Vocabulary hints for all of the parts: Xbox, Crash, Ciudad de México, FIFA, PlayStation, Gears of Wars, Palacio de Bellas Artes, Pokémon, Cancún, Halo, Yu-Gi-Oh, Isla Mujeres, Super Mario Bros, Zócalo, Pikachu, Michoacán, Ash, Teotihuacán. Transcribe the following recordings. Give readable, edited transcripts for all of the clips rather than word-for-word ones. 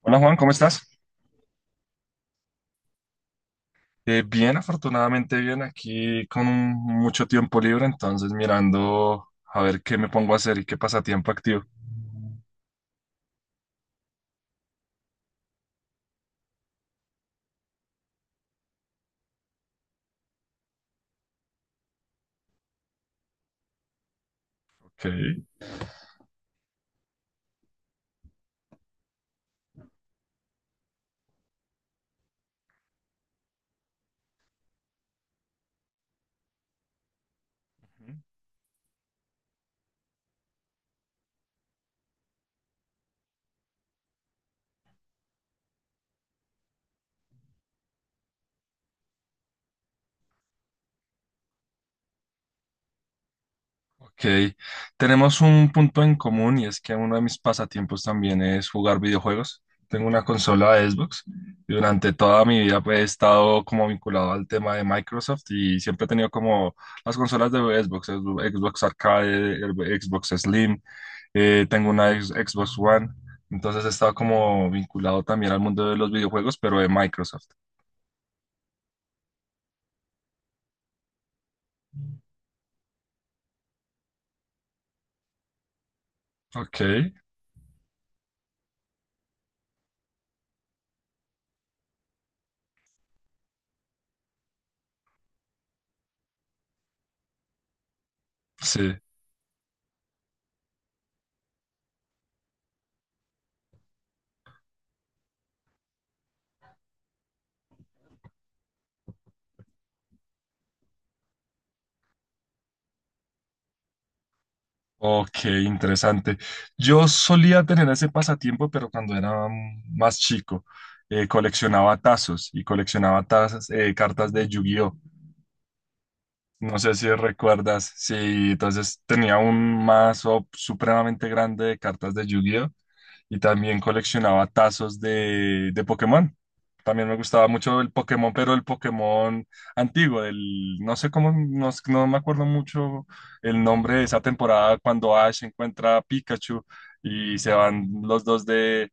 Hola Juan, ¿cómo estás? Bien, afortunadamente bien, aquí con mucho tiempo libre, entonces mirando a ver qué me pongo a hacer y qué pasatiempo activo. Ok, ok. Tenemos un punto en común y es que uno de mis pasatiempos también es jugar videojuegos. Tengo una consola de Xbox y durante toda mi vida pues, he estado como vinculado al tema de Microsoft y siempre he tenido como las consolas de Xbox, Xbox Arcade, Xbox Slim. Tengo una Xbox One, entonces he estado como vinculado también al mundo de los videojuegos, pero de Microsoft. Ok, sí, ok, interesante. Yo solía tener ese pasatiempo, pero cuando era más chico, coleccionaba tazos y coleccionaba tazas, cartas de Yu-Gi-Oh! No sé si recuerdas, sí, entonces tenía un mazo supremamente grande de cartas de Yu-Gi-Oh! Y también coleccionaba tazos de Pokémon. También me gustaba mucho el Pokémon, pero el Pokémon antiguo, el, no sé cómo, no, no me acuerdo mucho el nombre de esa temporada cuando Ash encuentra a Pikachu y se van los dos de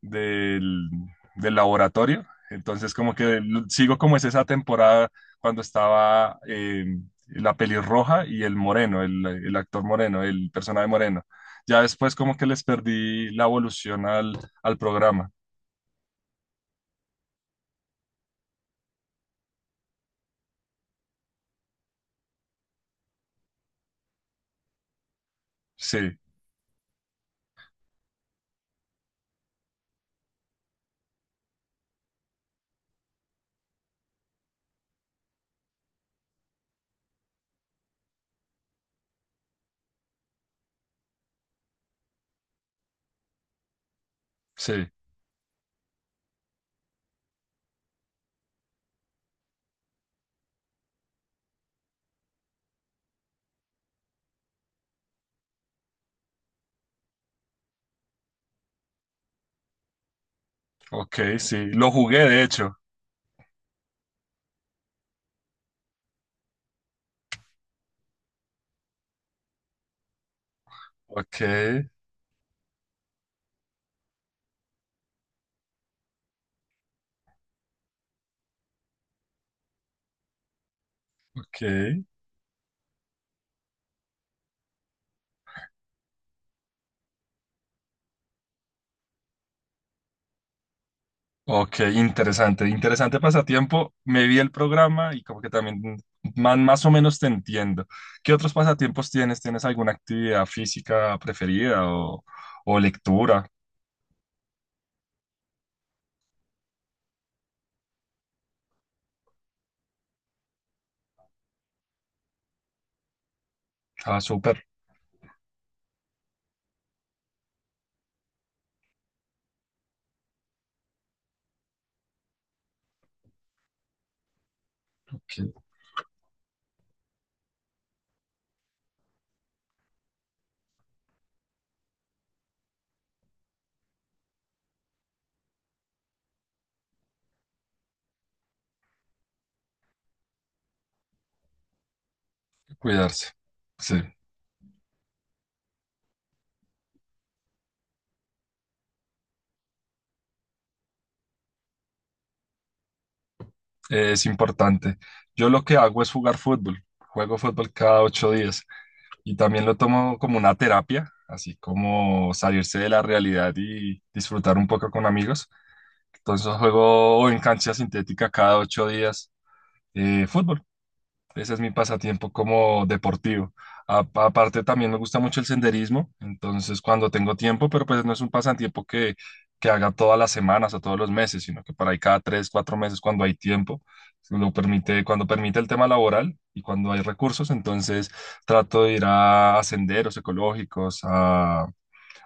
del, del laboratorio. Entonces, como que sigo como es esa temporada cuando estaba la pelirroja y el moreno, el actor moreno, el personaje moreno. Ya después como que les perdí la evolución al, al programa. Sí, sí, ok, sí. Lo jugué, de hecho. Ok, ok. Ok, interesante, interesante pasatiempo. Me vi el programa y como que también más o menos te entiendo. ¿Qué otros pasatiempos tienes? ¿Tienes alguna actividad física preferida o lectura? Ah, súper. Ok, cuidarse. Sí, es importante. Yo lo que hago es jugar fútbol. Juego fútbol cada 8 días y también lo tomo como una terapia, así como salirse de la realidad y disfrutar un poco con amigos. Entonces juego en cancha sintética cada 8 días fútbol. Ese es mi pasatiempo como deportivo. Aparte también me gusta mucho el senderismo, entonces cuando tengo tiempo, pero pues no es un pasatiempo que haga todas las semanas o todos los meses, sino que por ahí cada tres, cuatro meses cuando hay tiempo, lo permite, cuando permite el tema laboral y cuando hay recursos, entonces trato de ir a, senderos ecológicos,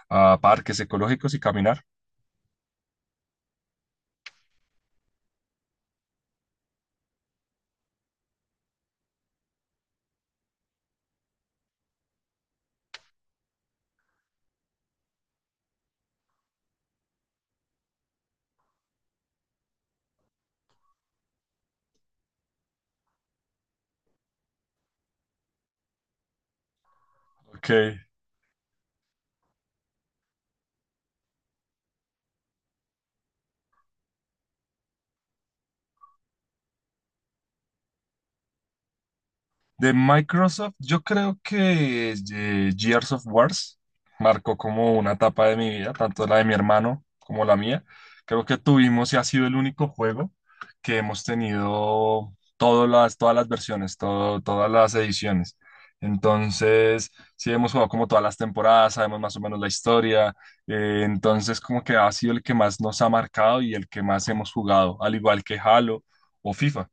a parques ecológicos y caminar. Ok, de Microsoft, yo creo que Gears of Wars marcó como una etapa de mi vida, tanto la de mi hermano como la mía. Creo que tuvimos y ha sido el único juego que hemos tenido todas las versiones, todas las ediciones. Entonces, sí hemos jugado como todas las temporadas, sabemos más o menos la historia. Entonces, como que ha sido el que más nos ha marcado y el que más hemos jugado, al igual que Halo o FIFA.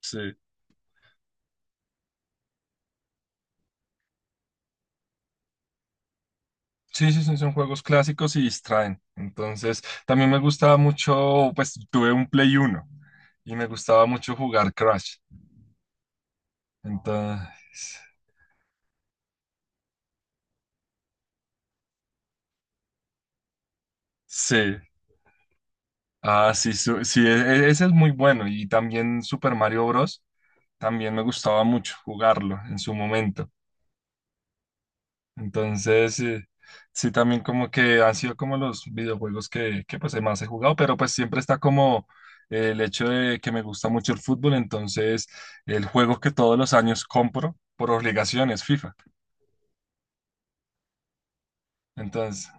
Sí. Sí, sí, sí, son juegos clásicos y distraen. Entonces, también me gustaba mucho, pues tuve un Play uno y me gustaba mucho jugar Crash. Entonces, sí. Ah, sí, sí, ese es muy bueno. Y también Super Mario Bros. También me gustaba mucho jugarlo en su momento. Entonces, sí, también como que han sido como los videojuegos que pues más he jugado, pero pues siempre está como el hecho de que me gusta mucho el fútbol, entonces el juego que todos los años compro por obligación es FIFA. Entonces,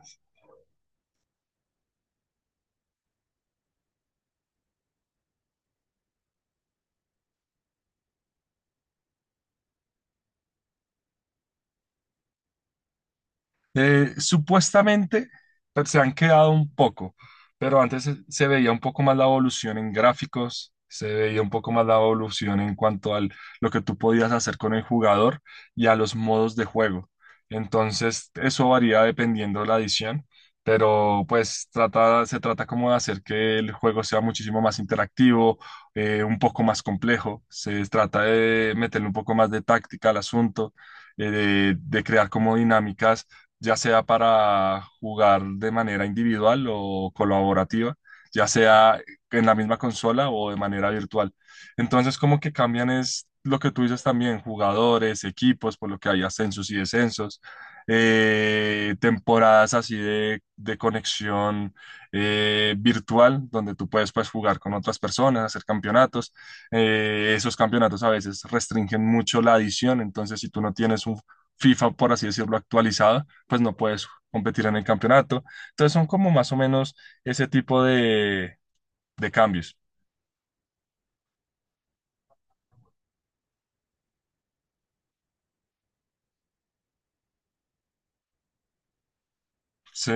Supuestamente pues, se han quedado un poco, pero antes se, se veía un poco más la evolución en gráficos, se veía un poco más la evolución en cuanto a lo que tú podías hacer con el jugador y a los modos de juego. Entonces, eso varía dependiendo de la edición, pero pues trata, se trata como de hacer que el juego sea muchísimo más interactivo, un poco más complejo, se trata de meterle un poco más de táctica al asunto, de crear como dinámicas ya sea para jugar de manera individual o colaborativa, ya sea en la misma consola o de manera virtual. Entonces, como que cambian es lo que tú dices también, jugadores, equipos, por lo que hay ascensos y descensos, temporadas así de conexión virtual, donde tú puedes pues, jugar con otras personas, hacer campeonatos. Esos campeonatos a veces restringen mucho la adición, entonces si tú no tienes un FIFA, por así decirlo, actualizado, pues no puedes competir en el campeonato. Entonces son como más o menos ese tipo de cambios. Sí,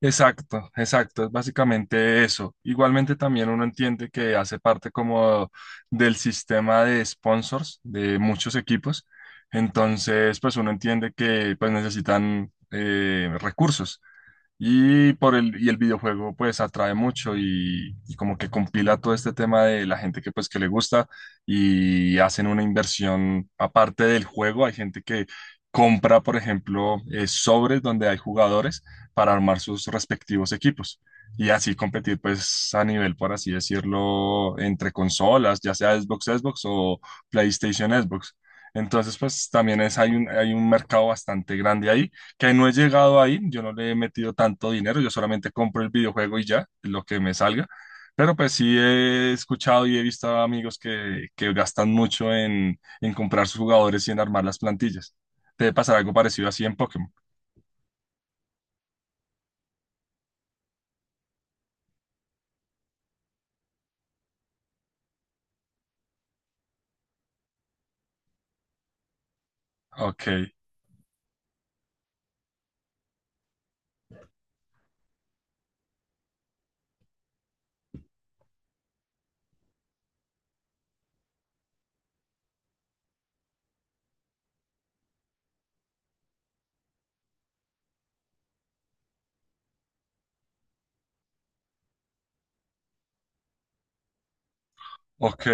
exacto, exacto, es básicamente eso. Igualmente también uno entiende que hace parte como del sistema de sponsors de muchos equipos. Entonces, pues uno entiende que pues necesitan recursos. Y por el, y el videojuego pues atrae mucho y como que compila todo este tema de la gente que pues que le gusta y hacen una inversión aparte del juego. Hay gente que compra, por ejemplo, sobres donde hay jugadores para armar sus respectivos equipos y así competir pues a nivel, por así decirlo, entre consolas, ya sea Xbox, Xbox o PlayStation, Xbox. Entonces pues también es, hay un mercado bastante grande ahí que no he llegado ahí, yo no le he metido tanto dinero, yo solamente compro el videojuego y ya, lo que me salga. Pero pues sí he escuchado y he visto a amigos que gastan mucho en comprar sus jugadores y en armar las plantillas. Debe pasar algo parecido así en Pokémon. Ok, ok,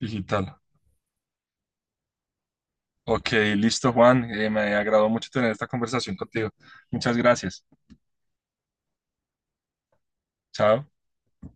digital. Ok, listo, Juan. Me agradó mucho tener esta conversación contigo. Muchas gracias. Chao.